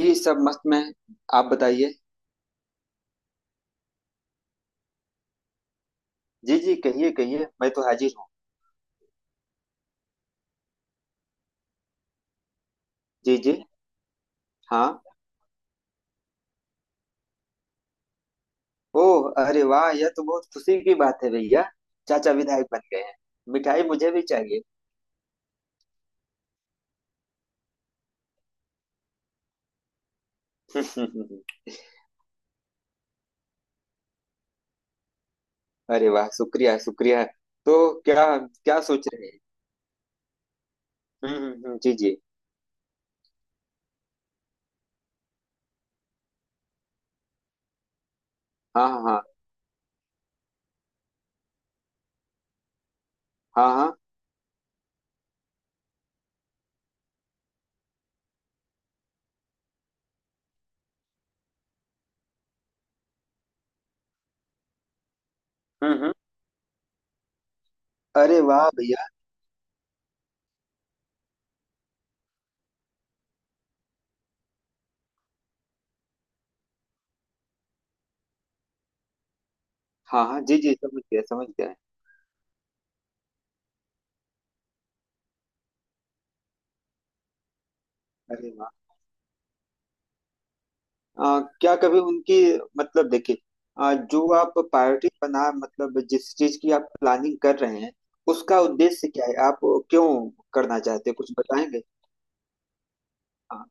जी सब मस्त में। आप बताइए। जी जी, कहिए कहिए, मैं तो हाजिर हूँ। जी जी। हाँ। ओह, अरे वाह, यह तो बहुत खुशी की बात है भैया। चाचा विधायक बन गए हैं? मिठाई मुझे भी चाहिए। अरे वाह, शुक्रिया शुक्रिया। तो क्या क्या सोच रहे हैं? जी जी। हाँ हाँ हाँ हाँ हाँ। हम्म। अरे वाह भैया। हाँ हाँ जी जी, समझ गया समझ गया। अरे वाह। क्या कभी उनकी मतलब देखिए, जो आप प्रायोरिटी बना मतलब जिस चीज की आप प्लानिंग कर रहे हैं, उसका उद्देश्य क्या है? आप क्यों करना चाहते हैं कुछ बताएंगे? हाँ।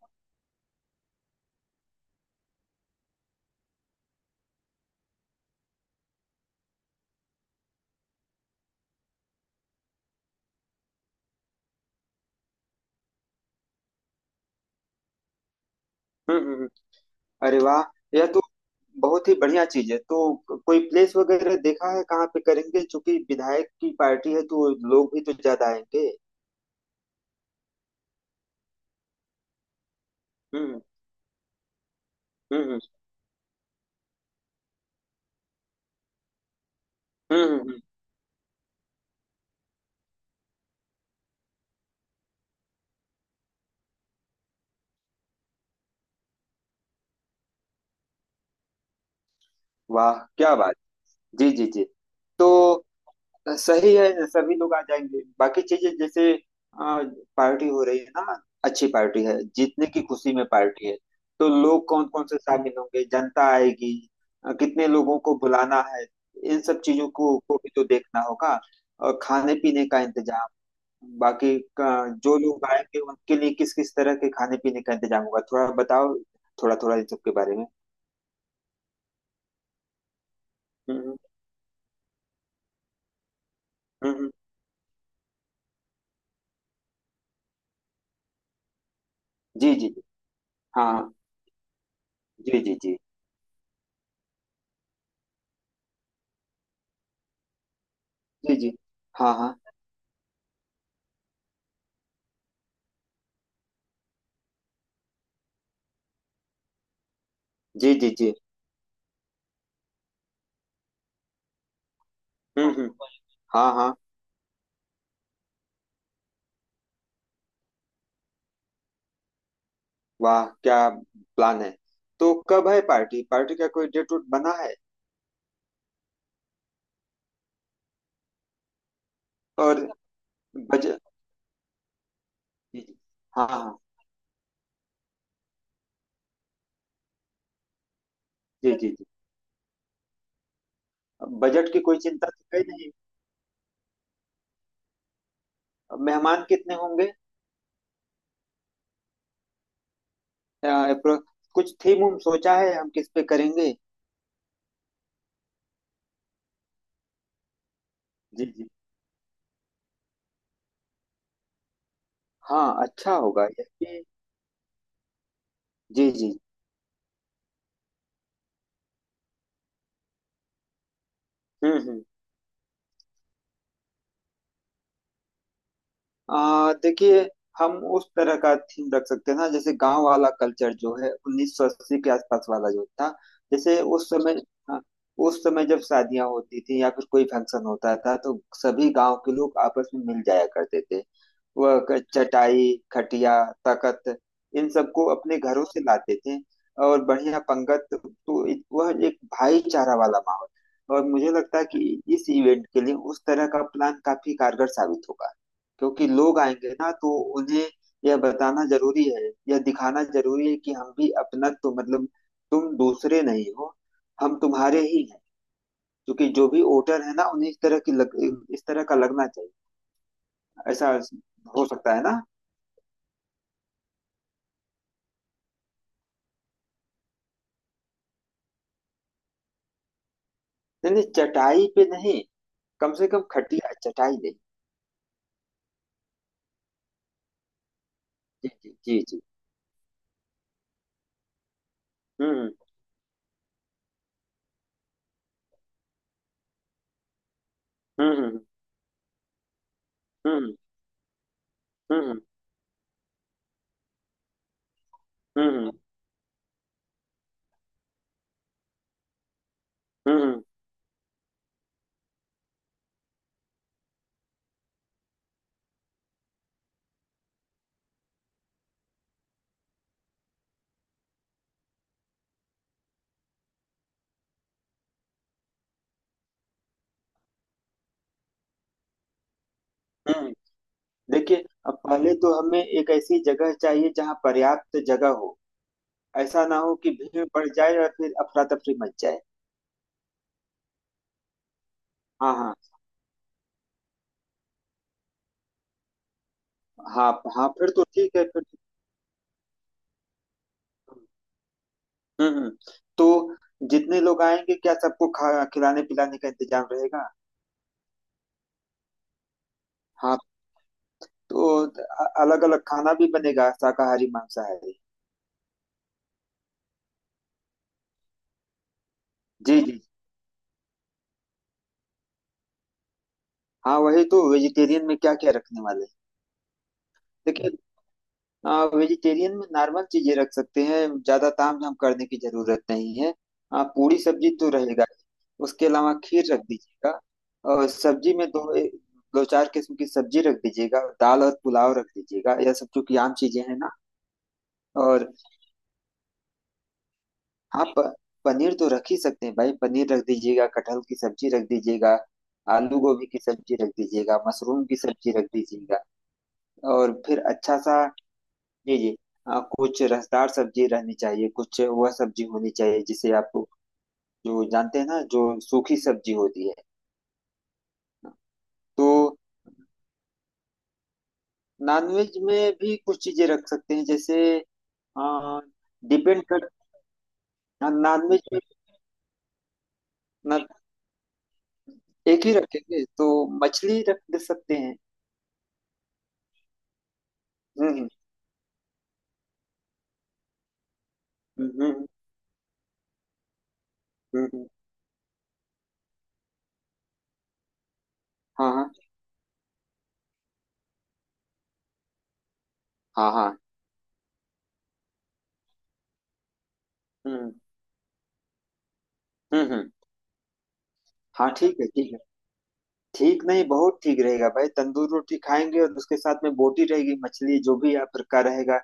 हम्म हम्म हम्म। अरे वाह, यह तो बहुत ही बढ़िया चीज है। तो कोई प्लेस वगैरह देखा है कहाँ पे करेंगे, क्योंकि विधायक की पार्टी है तो लोग भी तो ज्यादा आएंगे। हम्म। हम्म। हम्म हम्म, हम्म। वाह क्या बात। जी जी जी। तो सही है, सभी लोग आ जाएंगे। बाकी चीजें जैसे पार्टी हो रही है ना, अच्छी पार्टी है, जीतने की खुशी में पार्टी है, तो लोग कौन कौन से शामिल होंगे, जनता आएगी। कितने लोगों को बुलाना है, इन सब चीजों को, भी तो देखना होगा। और खाने पीने का इंतजाम, बाकी का, जो लोग आएंगे उनके लिए किस किस तरह के खाने पीने का इंतजाम होगा, थोड़ा बताओ। थोड़ा थोड़ा इन सब के बारे में। हम्म। हम्म हम्म, जी जी जी, हाँ हाँ, जी जी जी जी। जी हाँ हाँ। जी जी जी। हम्म। हाँ हाँ। वाह, क्या प्लान है। तो कब है पार्टी? पार्टी का कोई डेट वोट बना है? और बजट? जी जी। हाँ हाँ जी जी जी। बजट की कोई चिंता तो है नहीं। मेहमान कितने होंगे? अ, apro- कुछ थीम सोचा है हम किस पे करेंगे? जी जी। हाँ, अच्छा होगा ये जी जी। हम्म। देखिए, हम उस तरह का थीम रख सकते हैं ना, जैसे गांव वाला कल्चर जो है 1980 के आसपास वाला जो था। जैसे उस समय, हाँ, उस समय जब शादियां होती थी या फिर कोई फंक्शन होता था तो सभी गांव के लोग आपस में मिल जाया करते थे। वह चटाई, खटिया, तखत, इन सबको अपने घरों से लाते थे। और बढ़िया पंगत, तो वह एक भाईचारा वाला माहौल। और मुझे लगता है कि इस इवेंट के लिए उस तरह का प्लान काफी कारगर साबित होगा। क्योंकि लोग आएंगे ना, तो उन्हें यह बताना जरूरी है, यह दिखाना जरूरी है कि हम भी अपना, तो मतलब तुम दूसरे नहीं हो, हम तुम्हारे ही हैं। क्योंकि जो भी वोटर है ना, उन्हें इस तरह की इस तरह का लगना चाहिए। ऐसा हो सकता है ना। नहीं नहीं, चटाई पे नहीं। कम से कम खटिया, चटाई नहीं। जी जी जी जी। हम्म हम्म हम्म हम्म हम्म हम्म हम्म हम्म हम्म, हम्म। देखिए, अब पहले तो हमें एक ऐसी जगह चाहिए जहाँ पर्याप्त जगह हो। ऐसा ना हो कि भीड़ बढ़ जाए और फिर अफरा तफरी मच जाए। हाँ हाँ। हाँ हाँ, फिर तो ठीक है फिर। हम्म हम्म। तो जितने लोग आएंगे, क्या सबको खा खिलाने पिलाने का इंतजाम रहेगा? हाँ। तो अलग अलग खाना भी बनेगा, शाकाहारी मांसाहारी? जी जी। हाँ, वही तो, वेजिटेरियन में क्या क्या रखने वाले हैं? देखिए, वेजिटेरियन में नॉर्मल चीजें रख सकते हैं, ज्यादा ताम झाम करने की जरूरत नहीं है। पूरी सब्जी तो रहेगा ही। उसके अलावा खीर रख दीजिएगा। और सब्जी में दो, दो चार किस्म की सब्जी रख दीजिएगा, दाल और पुलाव रख दीजिएगा, यह सब चूंकि आम चीजें हैं ना। और हाँ, पनीर तो रख ही सकते हैं भाई। पनीर रख दीजिएगा, कटहल की सब्जी रख दीजिएगा, आलू गोभी की सब्जी रख दीजिएगा, मशरूम की सब्जी रख दीजिएगा। और फिर अच्छा सा। जी जी। कुछ रसदार सब्जी रहनी चाहिए, कुछ वह सब्जी होनी चाहिए जिसे आप जो जानते हैं ना, जो सूखी सब्जी होती है। तो नॉनवेज में भी कुछ चीजें रख सकते हैं, जैसे आ, डिपेंड कर, नॉनवेज में, ना, एक ही रखेंगे तो मछली रख दे सकते हैं। हम्म हम्म हम्म हम्म, हम्म, हाँ हाँ हाँ हाँ। हम्म हम्म हम्म, हाँ ठीक है ठीक है। ठीक नहीं, बहुत ठीक रहेगा भाई। तंदूर रोटी खाएंगे और उसके साथ में बोटी रहेगी, मछली, जो भी आप का रहेगा।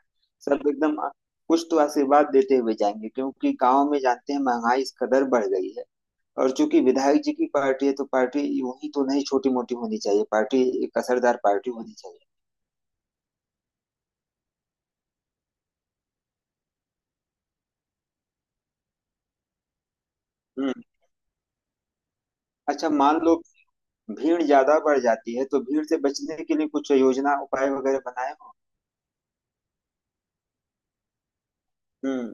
सब एकदम कुछ तो आशीर्वाद देते हुए जाएंगे, क्योंकि गांव में जानते हैं महंगाई इस कदर बढ़ गई है। और चूंकि विधायक जी की पार्टी है तो पार्टी यूं ही तो नहीं, छोटी मोटी होनी चाहिए, पार्टी एक असरदार पार्टी होनी चाहिए। हम्म। अच्छा मान लो, भीड़ ज्यादा बढ़ जाती है तो भीड़ से बचने के लिए कुछ योजना उपाय वगैरह बनाए हो? हम्म।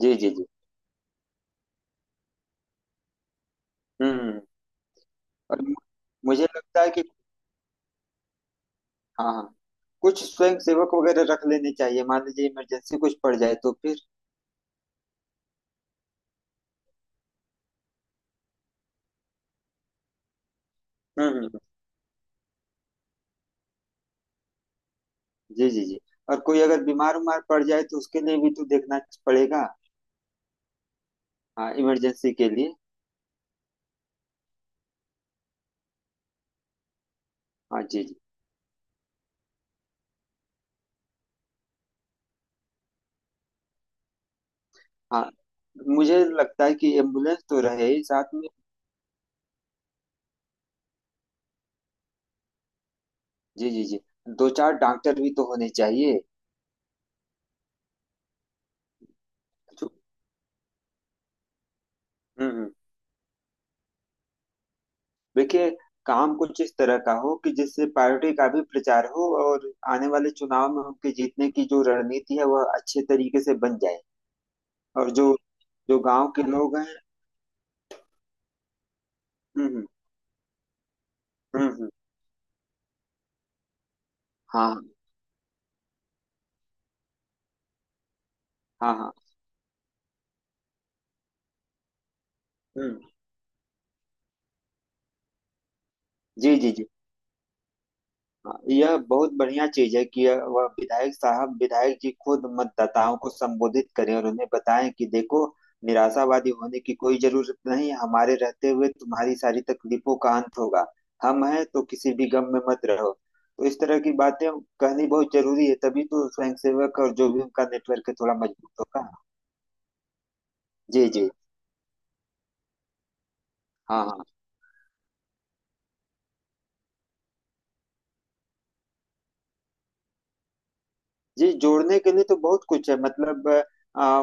जी जी जी। हम्म। और मुझे लगता है कि, हाँ हाँ, कुछ स्वयं सेवक वगैरह रख लेने चाहिए, मान लीजिए इमरजेंसी कुछ पड़ जाए तो फिर। हम्म हम्म, जी जी जी। और कोई अगर बीमार उमार पड़ जाए तो उसके लिए भी तो देखना पड़ेगा। हाँ, इमरजेंसी के लिए। हाँ जी जी। हाँ, मुझे लगता है कि एम्बुलेंस तो रहे ही साथ में। जी जी जी। दो चार डॉक्टर भी तो होने चाहिए। जो- हम्म, हम्म। देखिए, काम कुछ इस तरह का हो कि जिससे पार्टी का भी प्रचार हो और आने वाले चुनाव में उनके जीतने की जो रणनीति है वह अच्छे तरीके से बन जाए। और जो जो गांव के लोग हैं। हम्म हम्म हम्म, हम्म, हाँ हाँ हाँ। हम्म। जी जी जी। हाँ, यह बहुत बढ़िया चीज है कि वह विधायक साहब, विधायक जी खुद मतदाताओं को संबोधित करें और उन्हें बताएं कि देखो, निराशावादी होने की कोई जरूरत नहीं, हमारे रहते हुए तुम्हारी सारी तकलीफों का अंत होगा। हम हैं तो किसी भी गम में मत रहो। तो इस तरह की बातें कहनी बहुत जरूरी है, तभी तो स्वयंसेवक और जो भी उनका नेटवर्क है थोड़ा मजबूत होगा। जी जी। हाँ हाँ। जी, जोड़ने के लिए तो बहुत कुछ है, मतलब आ,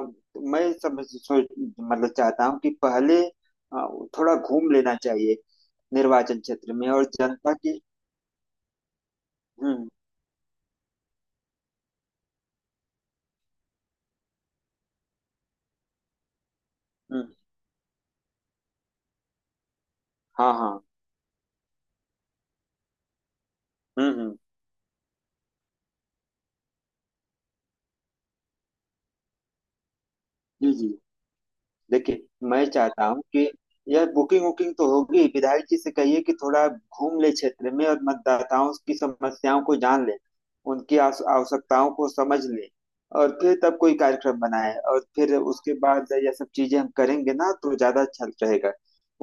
मैं समझ सोच मतलब चाहता हूँ कि पहले थोड़ा घूम लेना चाहिए निर्वाचन क्षेत्र में और जनता की। हम्म हम्म। हाँ हाँ। हम्म। जी जी। देखिए, मैं चाहता हूँ कि यह बुकिंग वुकिंग तो होगी, विधायक जी से कहिए कि थोड़ा घूम ले क्षेत्र में और मतदाताओं की समस्याओं को जान ले, उनकी आवश्यकताओं को समझ ले। और फिर तब कोई कार्यक्रम बनाए, और फिर उसके बाद यह सब चीजें हम करेंगे ना, तो ज्यादा अच्छा रहेगा।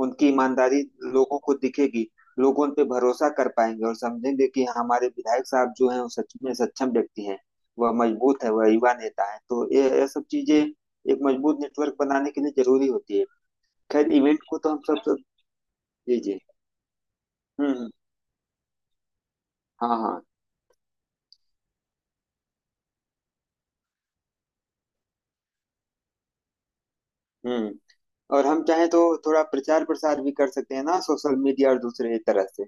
उनकी ईमानदारी लोगों को दिखेगी, लोग उन पे भरोसा कर पाएंगे और समझेंगे कि हमारे विधायक साहब जो हैं वो सच में सक्षम व्यक्ति हैं। वह मजबूत है, वह युवा नेता है, तो ये सब चीजें एक मजबूत नेटवर्क बनाने के लिए जरूरी होती है। खैर, इवेंट को तो हम सब सब। जी जी। हम्म हम्म, हाँ हाँ। हम्म। और हम चाहें तो थोड़ा प्रचार प्रसार भी कर सकते हैं ना, सोशल मीडिया और दूसरे तरह से।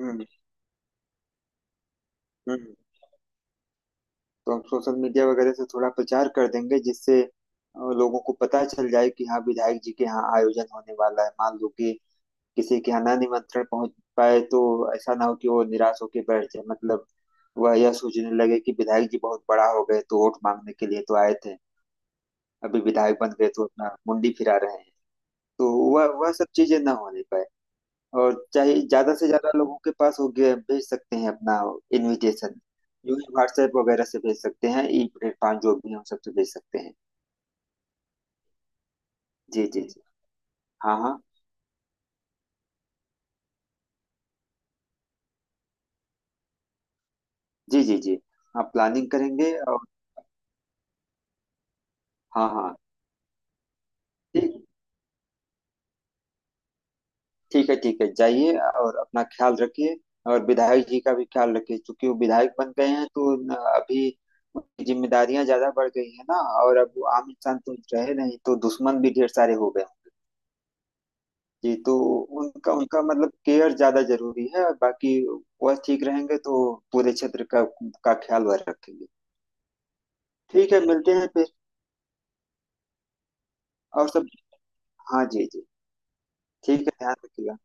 हम्म हम्म। तो हम सोशल मीडिया वगैरह से थोड़ा प्रचार कर देंगे, जिससे लोगों को पता चल जाए कि हाँ, विधायक जी के यहाँ आयोजन होने वाला है। मान लो कि किसी के यहाँ ना निमंत्रण पहुंच पाए तो ऐसा ना हो कि वो निराश होकर बैठ जाए, मतलब वह यह सोचने लगे कि विधायक जी बहुत बड़ा हो गए, तो वोट मांगने के लिए तो आए थे, अभी विधायक बन गए तो अपना मुंडी फिरा रहे हैं। तो वह सब चीजें ना होने पाए। और चाहे ज्यादा से ज्यादा लोगों के पास हो गया भेज सकते हैं अपना इनविटेशन जो है, व्हाट्सएप वगैरह से भेज सकते हैं, ई प्लेटफॉर्म जो भी है उन सबसे भेज सकते हैं। जी जी जी। हाँ हाँ। जी जी जी। हाँ, प्लानिंग करेंगे और। हाँ हाँ। ठीक। ठीक है ठीक है, जाइए और अपना ख्याल रखिए। और विधायक जी का भी ख्याल रखिए, क्योंकि वो विधायक बन गए हैं तो अभी उनकी जिम्मेदारियां ज्यादा बढ़ गई है ना। और अब वो आम इंसान तो रहे नहीं, तो दुश्मन भी ढेर सारे हो गए होंगे। जी, तो उनका उनका मतलब केयर ज्यादा जरूरी है। बाकी वह ठीक रहेंगे तो पूरे क्षेत्र का ख्याल वह रखेंगे। ठीक है, मिलते हैं फिर। और सब, हाँ जी जी। ठीक है, ध्यान रखिएगा।